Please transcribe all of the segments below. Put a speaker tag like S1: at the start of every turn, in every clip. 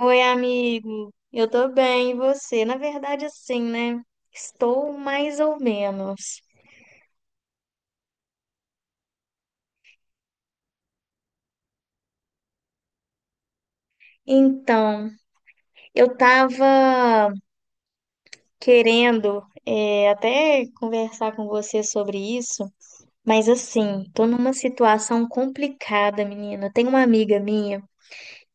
S1: Oi, amigo. Eu tô bem, e você? Na verdade, assim, né? Estou mais ou menos. Então, eu tava querendo até conversar com você sobre isso, mas assim, tô numa situação complicada, menina. Tem uma amiga minha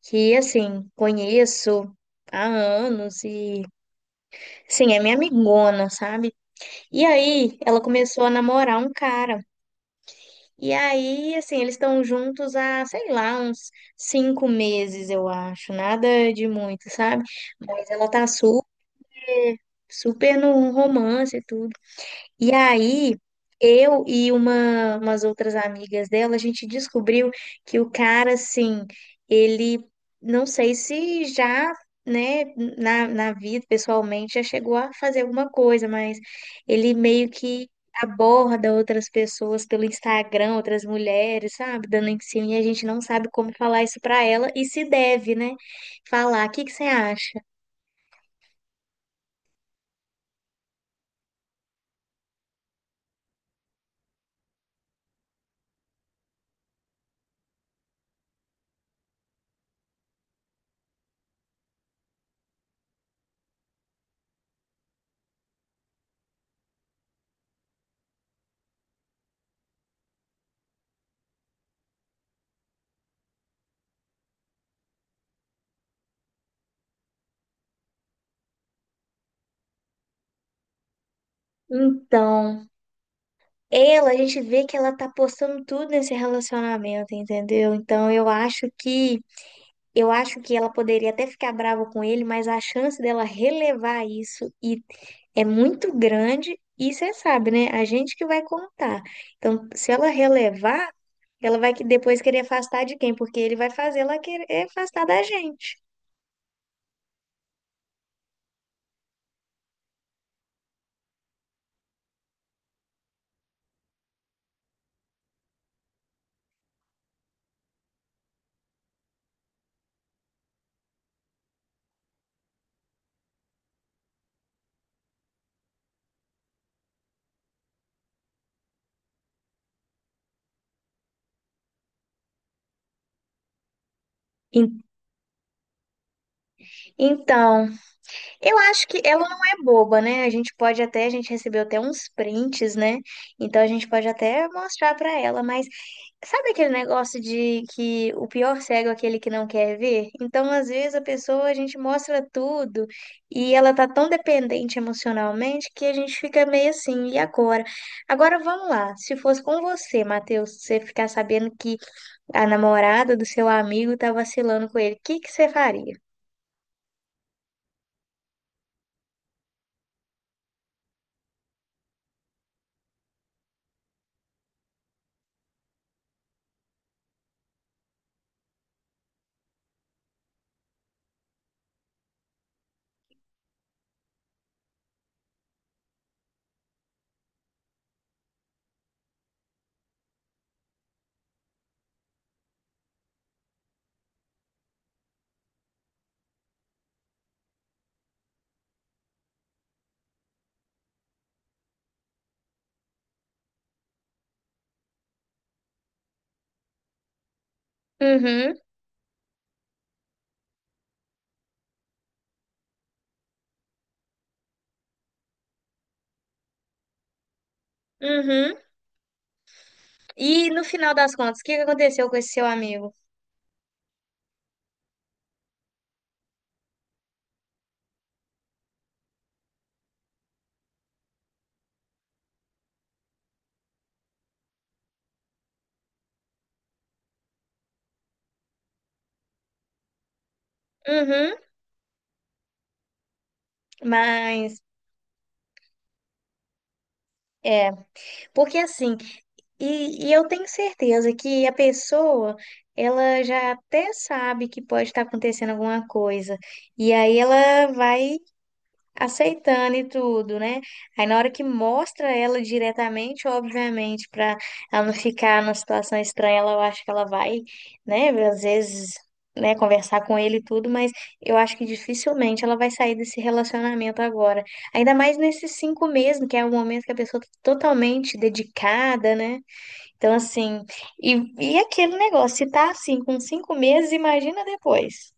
S1: que, assim, conheço há anos e, sim, é minha amigona, sabe? E aí, ela começou a namorar um cara. E aí, assim, eles estão juntos há, sei lá, uns 5 meses, eu acho. Nada de muito, sabe? Mas ela tá su super no romance e tudo. E aí, eu e umas outras amigas dela, a gente descobriu que o cara, assim, ele, não sei se já, né, na vida, pessoalmente, já chegou a fazer alguma coisa, mas ele meio que aborda outras pessoas pelo Instagram, outras mulheres, sabe, dando em cima, e a gente não sabe como falar isso pra ela, e se deve, né, falar. O que que você acha? Então, ela, a gente vê que ela tá postando tudo nesse relacionamento, entendeu? Então eu acho que ela poderia até ficar brava com ele, mas a chance dela relevar isso e é muito grande, e você sabe, né? A gente que vai contar. Então, se ela relevar, ela vai que depois querer afastar de quem? Porque ele vai fazer ela querer afastar da gente. En- Então, eu acho que ela não é boba, né? A gente pode até, a gente recebeu até uns prints, né? Então a gente pode até mostrar pra ela, mas sabe aquele negócio de que o pior cego é aquele que não quer ver? Então, às vezes a pessoa, a gente mostra tudo e ela tá tão dependente emocionalmente que a gente fica meio assim, e agora? Agora vamos lá. Se fosse com você, Matheus, você ficar sabendo que a namorada do seu amigo tá vacilando com ele, o que que você faria? Uhum, uhum. E no final das contas, o que que aconteceu com esse seu amigo? Uhum, mas é, porque assim, e eu tenho certeza que a pessoa, ela já até sabe que pode estar acontecendo alguma coisa, e aí ela vai aceitando e tudo, né? Aí na hora que mostra ela diretamente, obviamente, para ela não ficar numa situação estranha, ela, eu acho que ela vai, né, às vezes, né, conversar com ele e tudo, mas eu acho que dificilmente ela vai sair desse relacionamento agora. Ainda mais nesses 5 meses, que é o momento que a pessoa tá totalmente dedicada, né? Então, assim, e, e aquele negócio, se tá assim com 5 meses, imagina depois.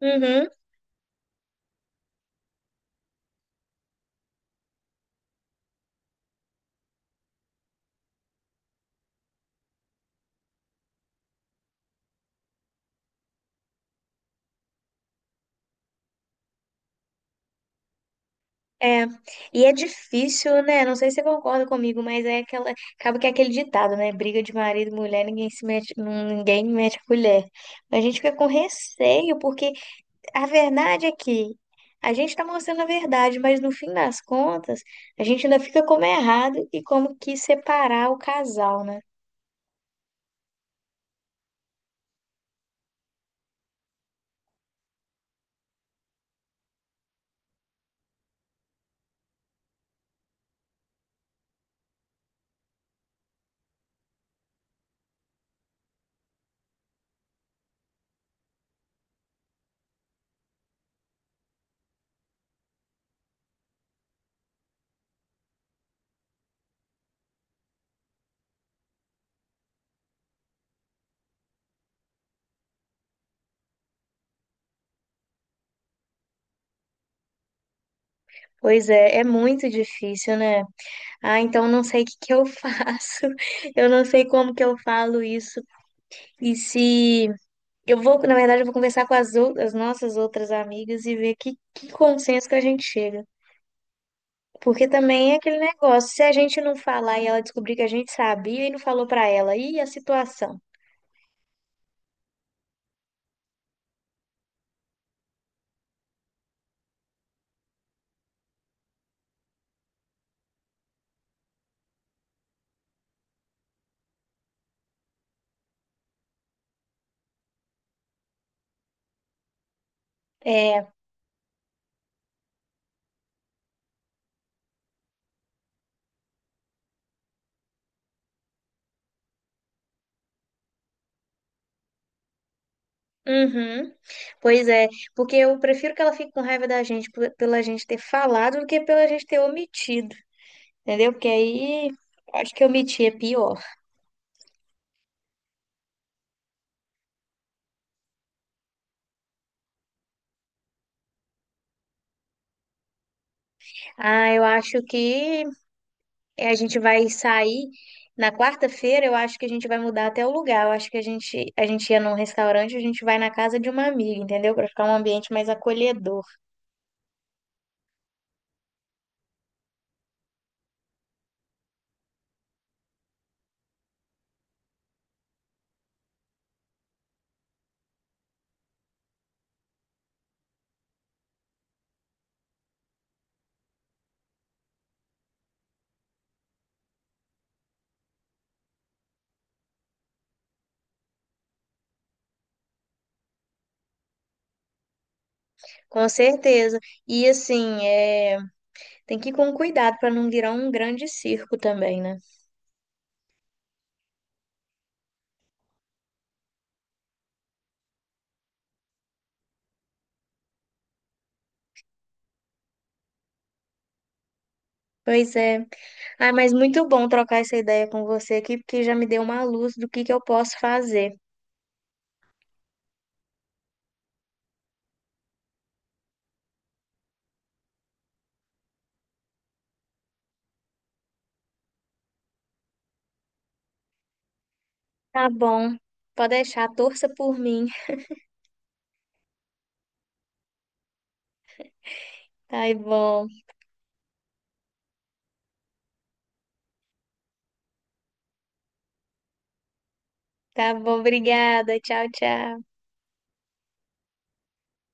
S1: Uhum. É, e é difícil, né? Não sei se você concorda comigo, mas é aquela, acaba que é aquele ditado, né? Briga de marido e mulher, ninguém se mete, ninguém mete a colher. A gente fica com receio, porque a verdade é que a gente tá mostrando a verdade, mas no fim das contas, a gente ainda fica como é errado e como que separar o casal, né? Pois é, é muito difícil, né? Ah, então eu não sei o que que eu faço, eu não sei como que eu falo isso. E se eu vou, na verdade, eu vou conversar com as, as nossas outras amigas e ver que consenso que a gente chega. Porque também é aquele negócio, se a gente não falar e ela descobrir que a gente sabia e não falou pra ela, e a situação? É, uhum, pois é, porque eu prefiro que ela fique com raiva da gente pela gente ter falado do que pela gente ter omitido, entendeu? Porque aí, acho que omitir é pior. Ah, eu acho que é, a gente vai sair na quarta-feira, eu acho que a gente vai mudar até o lugar. Eu acho que a gente ia num restaurante, a gente vai na casa de uma amiga, entendeu? Para ficar um ambiente mais acolhedor. Com certeza. E assim, é, tem que ir com cuidado para não virar um grande circo também, né? Pois é. Ah, mas muito bom trocar essa ideia com você aqui, porque já me deu uma luz do que eu posso fazer. Tá bom. Pode deixar, torça por mim. Tá bom. Tá bom, obrigada. Tchau, tchau.